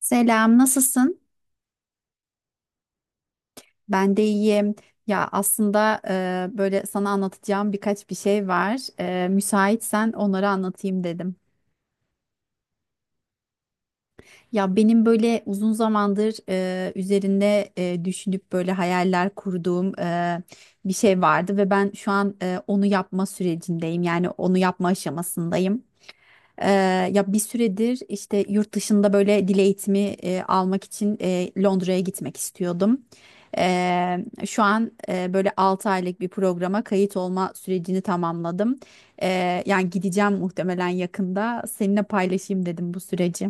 Selam, nasılsın? Ben de iyiyim. Ya aslında böyle sana anlatacağım birkaç bir şey var. Müsaitsen onları anlatayım dedim. Ya benim böyle uzun zamandır üzerinde düşünüp böyle hayaller kurduğum bir şey vardı ve ben şu an onu yapma sürecindeyim. Yani onu yapma aşamasındayım. Ee, Ya bir süredir işte yurt dışında böyle dil eğitimi almak için Londra'ya gitmek istiyordum. Ee, Şu an böyle 6 aylık bir programa kayıt olma sürecini tamamladım. Yani gideceğim muhtemelen yakında. Seninle paylaşayım dedim bu süreci.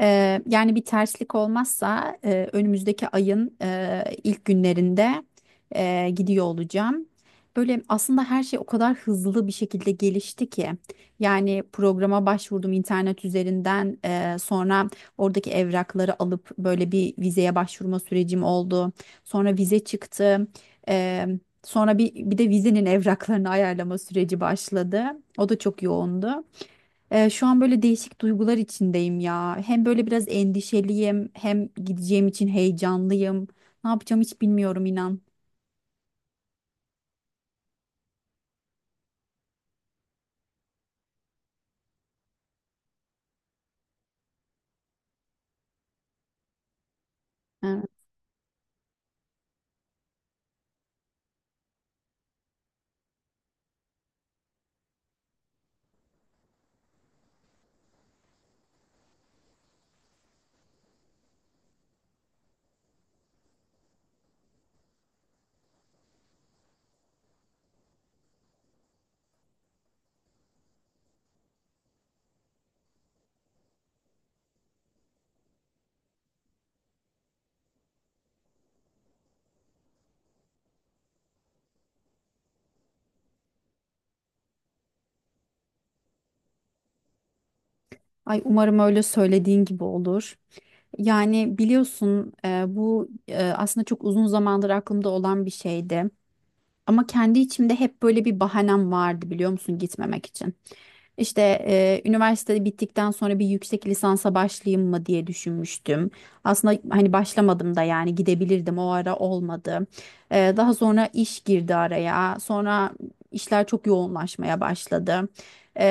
Yani bir terslik olmazsa önümüzdeki ayın ilk günlerinde gidiyor olacağım. Böyle aslında her şey o kadar hızlı bir şekilde gelişti ki. Yani programa başvurdum internet üzerinden sonra oradaki evrakları alıp böyle bir vizeye başvurma sürecim oldu. Sonra vize çıktı. Eee, Sonra bir de vizenin evraklarını ayarlama süreci başladı. O da çok yoğundu. Şu an böyle değişik duygular içindeyim ya. Hem böyle biraz endişeliyim, hem gideceğim için heyecanlıyım. Ne yapacağım hiç bilmiyorum inan. Ee, Ay umarım öyle söylediğin gibi olur. Yani biliyorsun bu aslında çok uzun zamandır aklımda olan bir şeydi. Ama kendi içimde hep böyle bir bahanem vardı biliyor musun gitmemek için. İşte üniversite bittikten sonra bir yüksek lisansa başlayayım mı diye düşünmüştüm. Aslında hani başlamadım da yani gidebilirdim o ara olmadı. Daha sonra iş girdi araya. Sonra işler çok yoğunlaşmaya başladı.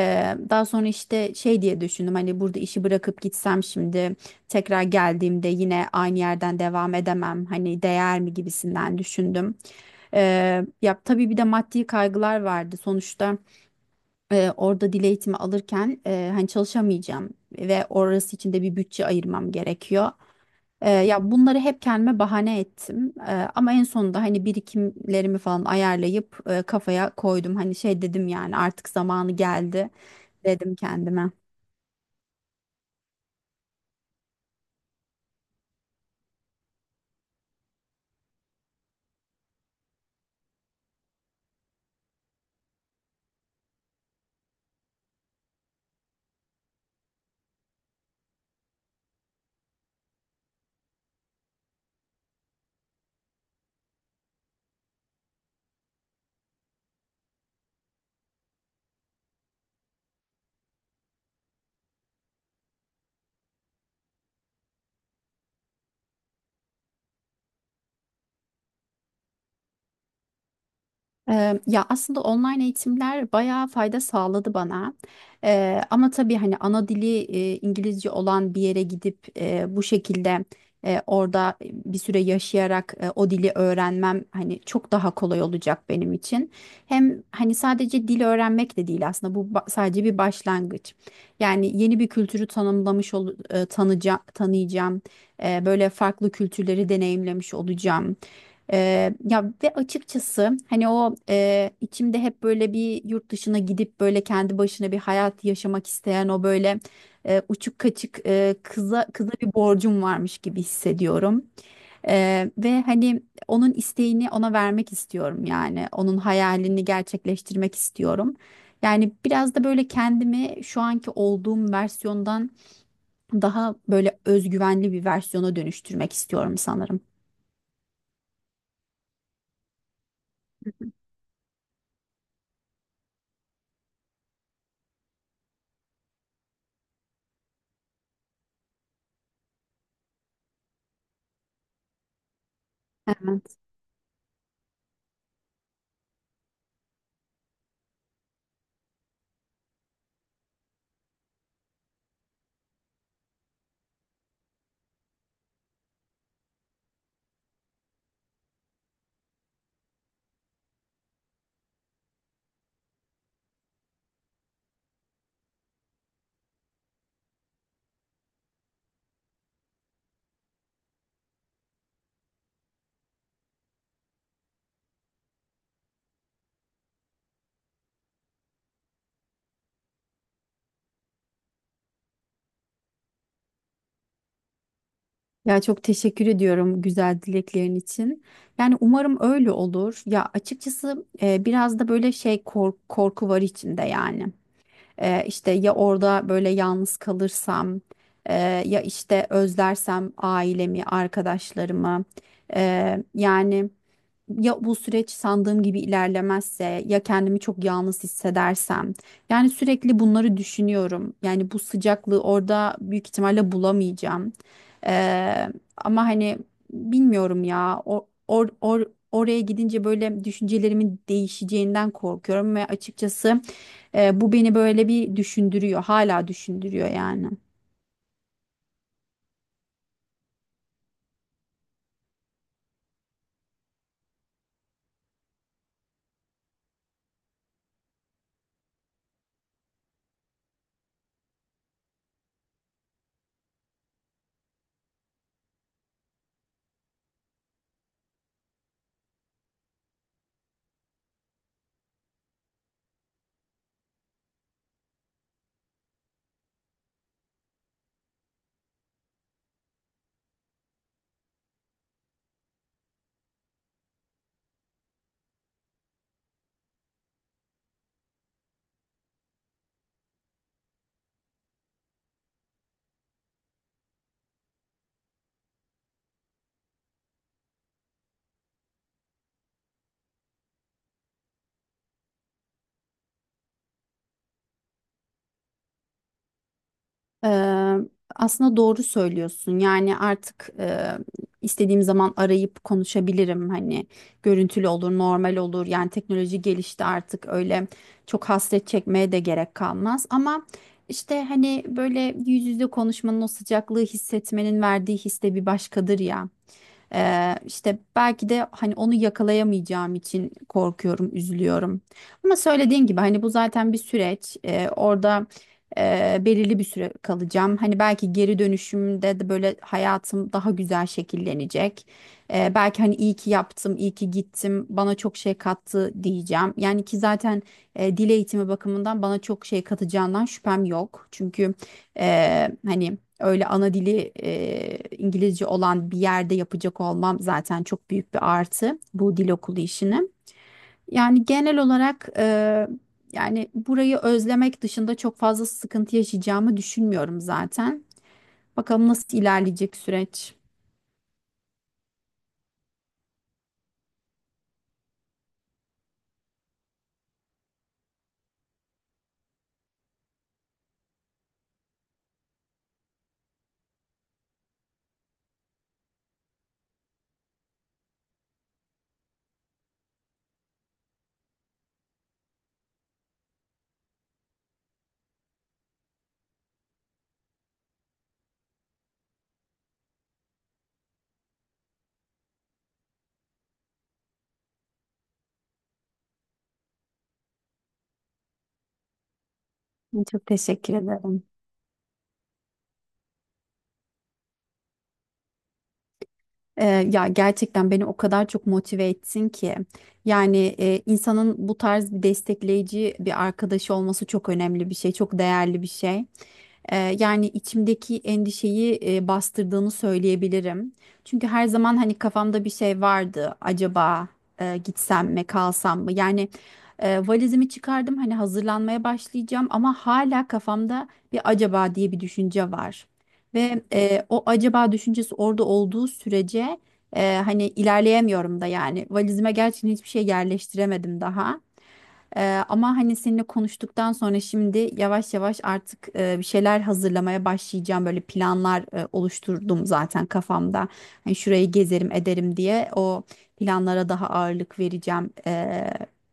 Daha sonra işte şey diye düşündüm hani burada işi bırakıp gitsem şimdi tekrar geldiğimde yine aynı yerden devam edemem. Hani değer mi gibisinden düşündüm. Ya tabii bir de maddi kaygılar vardı. Sonuçta orada dil eğitimi alırken hani çalışamayacağım ve orası için de bir bütçe ayırmam gerekiyor. Ya bunları hep kendime bahane ettim. Ama en sonunda hani birikimlerimi falan ayarlayıp kafaya koydum. Hani şey dedim yani artık zamanı geldi dedim kendime. Ya aslında online eğitimler bayağı fayda sağladı bana. Ama tabii hani ana dili İngilizce olan bir yere gidip bu şekilde orada bir süre yaşayarak o dili öğrenmem hani çok daha kolay olacak benim için. Hem hani sadece dil öğrenmek de değil aslında sadece bir başlangıç. Yani yeni bir kültürü tanımlamış ol, tanıyacağım. Böyle farklı kültürleri deneyimlemiş olacağım. Ya ve açıkçası hani o içimde hep böyle bir yurt dışına gidip böyle kendi başına bir hayat yaşamak isteyen o böyle uçuk kaçık kıza bir borcum varmış gibi hissediyorum. Ve hani onun isteğini ona vermek istiyorum yani onun hayalini gerçekleştirmek istiyorum. Yani biraz da böyle kendimi şu anki olduğum versiyondan daha böyle özgüvenli bir versiyona dönüştürmek istiyorum sanırım. Evet. Ya çok teşekkür ediyorum güzel dileklerin için. Yani umarım öyle olur. Ya açıkçası biraz da böyle korku var içinde yani. İşte ya orada böyle yalnız kalırsam, e, ya işte özlersem ailemi, arkadaşlarımı. Yani ya bu süreç sandığım gibi ilerlemezse ya kendimi çok yalnız hissedersem yani sürekli bunları düşünüyorum yani bu sıcaklığı orada büyük ihtimalle bulamayacağım. Ee, Ama hani bilmiyorum oraya gidince böyle düşüncelerimin değişeceğinden korkuyorum ve açıkçası bu beni böyle bir düşündürüyor hala düşündürüyor yani. Eee, Aslında doğru söylüyorsun. Yani artık istediğim zaman arayıp konuşabilirim. Hani görüntülü olur, normal olur. Yani teknoloji gelişti artık öyle çok hasret çekmeye de gerek kalmaz. Ama işte hani böyle yüz yüze konuşmanın o sıcaklığı hissetmenin verdiği his de bir başkadır ya. İşte belki de hani onu yakalayamayacağım için korkuyorum, üzülüyorum. Ama söylediğin gibi hani bu zaten bir süreç. Orada belirli bir süre kalacağım. Hani belki geri dönüşümde de böyle hayatım daha güzel şekillenecek. Belki hani iyi ki yaptım, iyi ki gittim, bana çok şey kattı diyeceğim. Yani ki zaten dil eğitimi bakımından bana çok şey katacağından şüphem yok. Çünkü e, hani öyle ana dili İngilizce olan bir yerde yapacak olmam zaten çok büyük bir artı bu dil okulu işini. Yani genel olarak yani burayı özlemek dışında çok fazla sıkıntı yaşayacağımı düşünmüyorum zaten. Bakalım nasıl ilerleyecek süreç. Çok teşekkür ederim. Ya gerçekten beni o kadar çok motive etsin ki. Yani insanın bu tarz bir destekleyici bir arkadaşı olması çok önemli bir şey, çok değerli bir şey. Yani içimdeki endişeyi bastırdığını söyleyebilirim. Çünkü her zaman hani kafamda bir şey vardı. Acaba gitsem mi, kalsam mı? Yani valizimi çıkardım hani hazırlanmaya başlayacağım ama hala kafamda bir acaba diye bir düşünce var. Ve o acaba düşüncesi orada olduğu sürece hani ilerleyemiyorum da yani valizime gerçekten hiçbir şey yerleştiremedim daha. Ama hani seninle konuştuktan sonra şimdi yavaş yavaş artık bir şeyler hazırlamaya başlayacağım. Böyle planlar oluşturdum zaten kafamda. Hani şurayı gezerim ederim diye o planlara daha ağırlık vereceğim.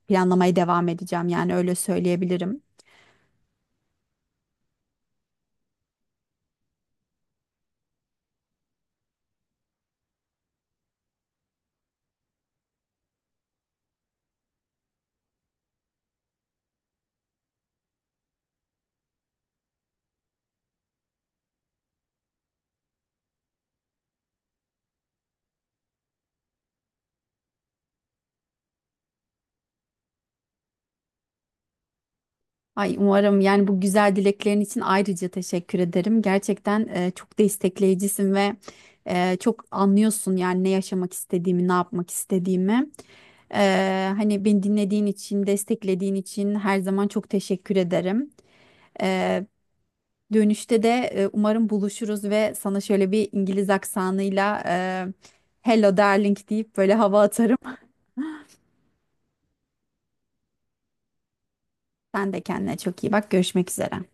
Planlamaya devam edeceğim yani öyle söyleyebilirim. Ay umarım yani bu güzel dileklerin için ayrıca teşekkür ederim. Gerçekten çok destekleyicisin ve çok anlıyorsun yani ne yaşamak istediğimi, ne yapmak istediğimi. Hani beni dinlediğin için, desteklediğin için her zaman çok teşekkür ederim. E, Dönüşte de umarım buluşuruz ve sana şöyle bir İngiliz aksanıyla "Hello darling" deyip böyle hava atarım. Sen de kendine çok iyi bak. Görüşmek üzere.